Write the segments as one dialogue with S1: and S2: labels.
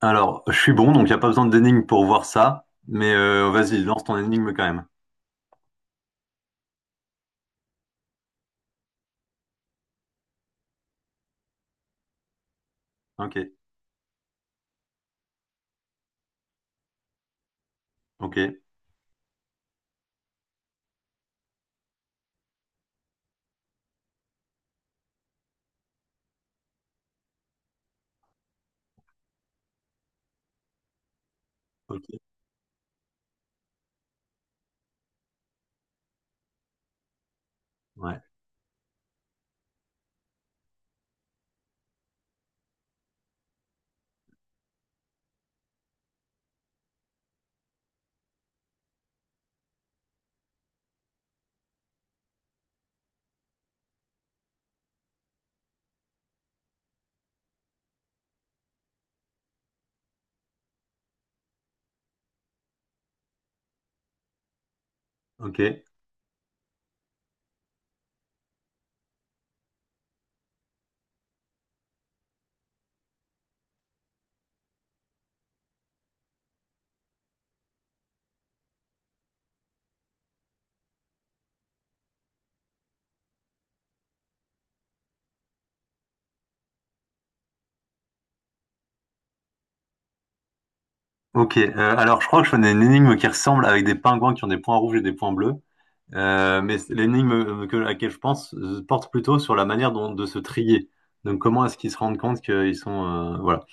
S1: Alors, je suis bon, donc il n'y a pas besoin d'énigme pour voir ça. Mais vas-y, lance ton énigme quand même. Ok, ok, ok, ouais, ok, ok. Alors, je crois que je connais une énigme qui ressemble avec des pingouins qui ont des points rouges et des points bleus. Mais l'énigme à laquelle je pense porte plutôt sur la manière dont, de se trier. Donc, comment est-ce qu'ils se rendent compte qu'ils sont, voilà.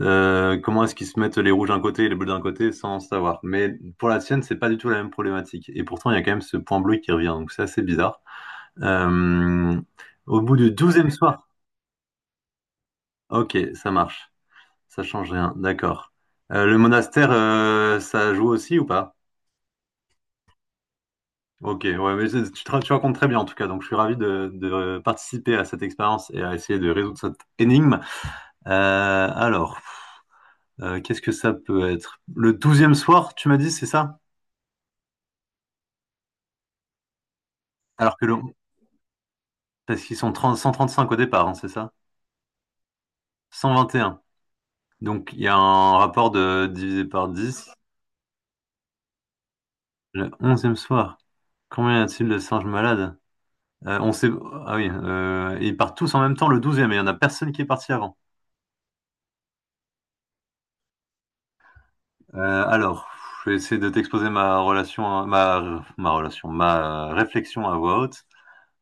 S1: Comment est-ce qu'ils se mettent les rouges d'un côté et les bleus d'un côté sans savoir. Mais pour la sienne, c'est pas du tout la même problématique. Et pourtant, il y a quand même ce point bleu qui revient. Donc, c'est assez bizarre. Euh, Au bout du douzième soir. Ok, ça marche. Ça change rien. D'accord. Le monastère, ça joue aussi ou pas? Ok, ouais, mais tu racontes très bien en tout cas. Donc je suis ravi de participer à cette expérience et à essayer de résoudre cette énigme. Alors, qu'est-ce que ça peut être? Le douzième soir, tu m'as dit, c'est ça? Alors que le, parce qu'ils sont trente 135 au départ, hein, c'est ça? 121. Donc il y a un rapport de divisé par 10. Le onzième soir. Combien y a-t-il de singes malades? On sait. Ah oui, ils partent tous en même temps le douzième, e et il n'y en a personne qui est parti avant. Alors, je vais essayer de t'exposer ma relation, ma relation, ma réflexion à voix haute.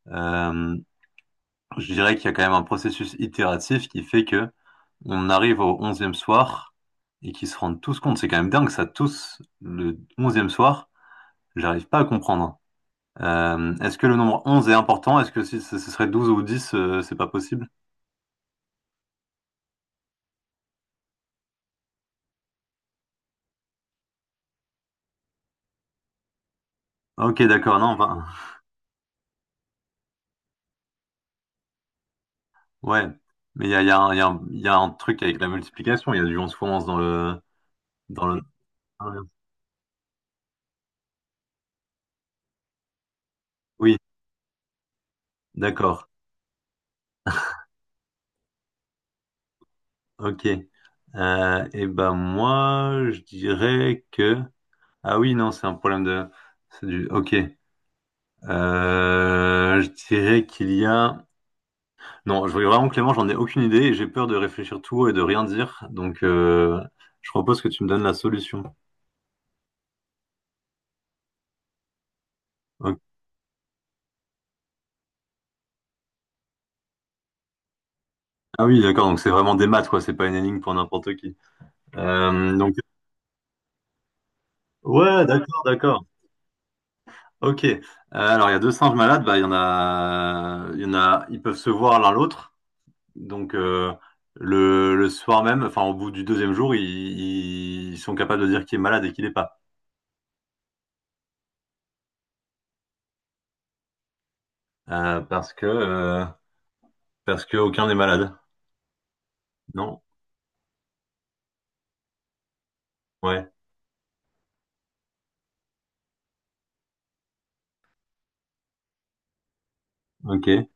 S1: Euh, je dirais qu'il y a quand même un processus itératif qui fait que on arrive au onzième soir et qu'ils se rendent tous compte. C'est quand même dingue ça, tous le onzième soir, j'arrive pas à comprendre. Est-ce que le nombre 11 est important? Est-ce que si ce serait 12 ou 10, c'est pas possible? Ok, d'accord, non, enfin, ouais, mais il y a un, il y a un- il y a un truc avec la multiplication, il y a du 11 fois 11 dans le... Dans le... Oui, d'accord, ok. Et ben moi, je dirais que... Ah oui, non, c'est un problème de... C'est du... Ok. Je dirais qu'il y a... Non, je voulais vraiment Clément, j'en ai aucune idée et j'ai peur de réfléchir tout haut et de rien dire. Donc, je propose que tu me donnes la solution. Ok. Ah oui, d'accord, donc c'est vraiment des maths, quoi, c'est pas une énigme pour n'importe qui. Donc... Ouais, d'accord, d'accord. Ok. Alors il y a deux singes malades, bah il y en a, il y en a, ils peuvent se voir l'un l'autre. Donc le soir même, enfin au bout du deuxième jour, ils sont capables de dire qui est malade et qui l'est pas. Euh, parce que euh, Parce que aucun n'est malade. Non. Ouais. Ok.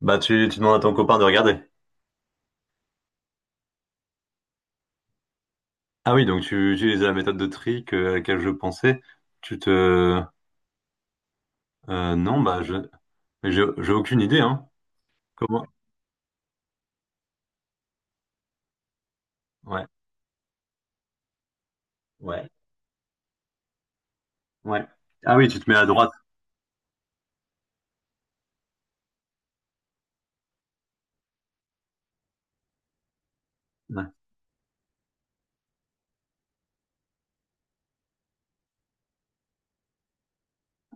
S1: Bah tu demandes à ton copain de regarder. Ah oui, donc tu utilises la méthode de tri que, à laquelle je pensais. Tu te Non, bah, je mais j'ai aucune idée, hein. Comment? Ouais. Ouais. Ouais. Ah oui, tu te mets à droite.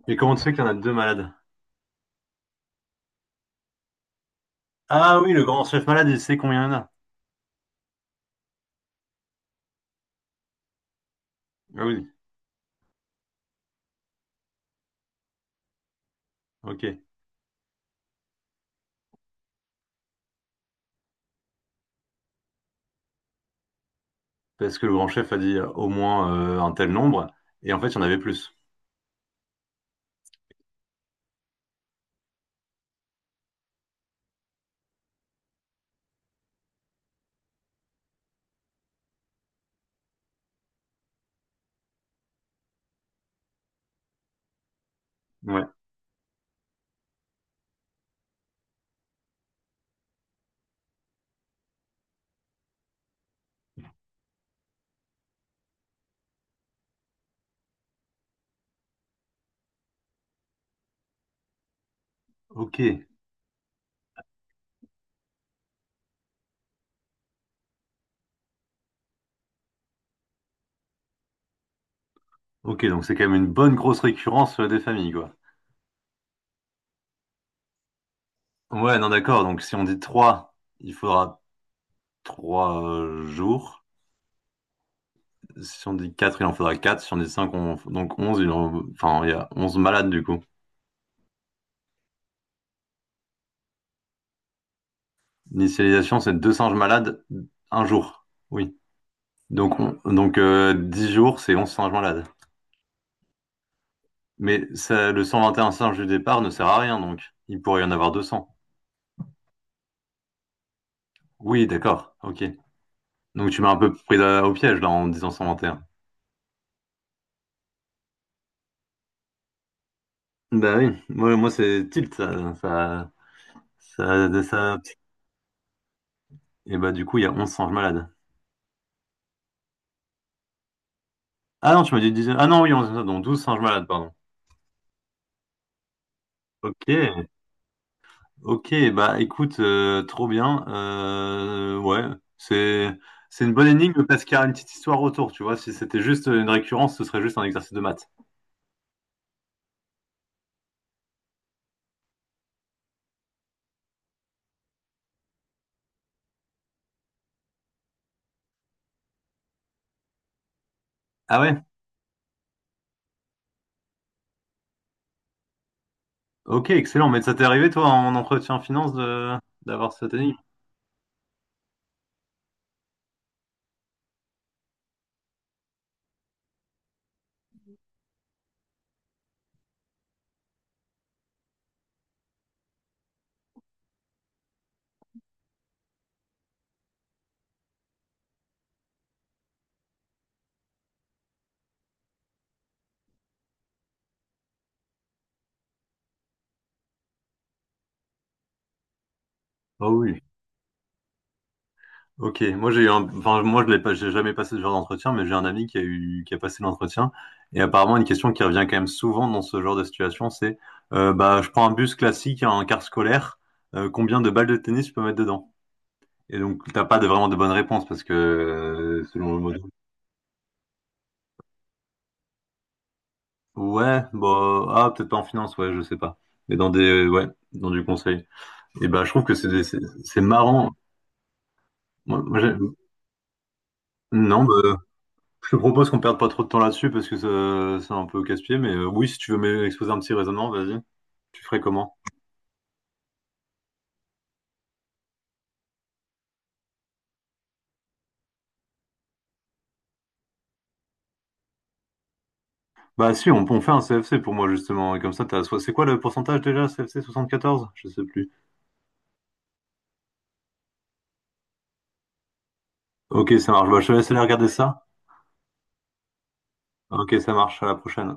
S1: Et comment tu sais qu'il y en a deux malades? Ah oui, le grand chef malade, il sait combien il y en a. Ah oui, ok. Parce que le grand chef a dit au moins un tel nombre, et en fait, il y en avait plus. Ouais, ok. Ok, donc c'est quand même une bonne grosse récurrence des familles, quoi. Ouais, non, d'accord. Donc si on dit trois, il faudra trois jours. Si on dit quatre, il en faudra quatre. Si on dit cinq, on... donc onze, enfin, il y a 11 malades, du coup. L'initialisation, c'est deux singes malades, un jour. Oui. Donc, on... donc 10 jours, c'est 11 singes malades. Mais ça, le 121 singe du départ ne sert à rien, donc il pourrait y en avoir 200. Oui, d'accord, ok. Donc tu m'as un peu pris au piège là en disant 121. Bah oui, moi c'est tilt, ça, ça- Et bah du coup, il y a 11 singes malades. Ah non, tu m'as dit 10... Ah non, oui, 11, donc 12 singes malades, pardon. Ok, ok, bah écoute, trop bien. Ouais, c'est c'est une bonne énigme parce qu'il y a une petite histoire autour, tu vois. Si c'était juste une récurrence, ce serait juste un exercice de maths. Ah ouais? Ok, excellent. Mais ça t'est arrivé, toi, en entretien finance, de d'avoir cette énigme? Ah oui. Ok, moi j'ai eu un... enfin moi je l'ai pas, j'ai jamais passé ce genre d'entretien, mais j'ai un ami qui a eu, qui a passé l'entretien et apparemment une question qui revient quand même souvent dans ce genre de situation, c'est bah je prends un bus classique, un car scolaire, combien de balles de tennis je peux mettre dedans? Et donc t'as pas de, vraiment de bonne réponse parce que selon le mode. Ouais, bah ah peut-être pas en finance, ouais je sais pas, mais dans des ouais, dans du conseil. Et bah je trouve que c'est marrant. Moi, moi, j'ai- Non, bah, je te propose qu'on perde pas trop de temps là-dessus parce que c'est un peu casse-pied, mais oui, si tu veux m'exposer un petit raisonnement, vas-y. Tu ferais comment? Bah si, on fait un CFC pour moi justement, et comme ça t'as... C'est quoi le pourcentage déjà, CFC 74? Je sais plus. Ok, ça marche, bah, je te laisse aller regarder ça. Ok, ça marche, à la prochaine.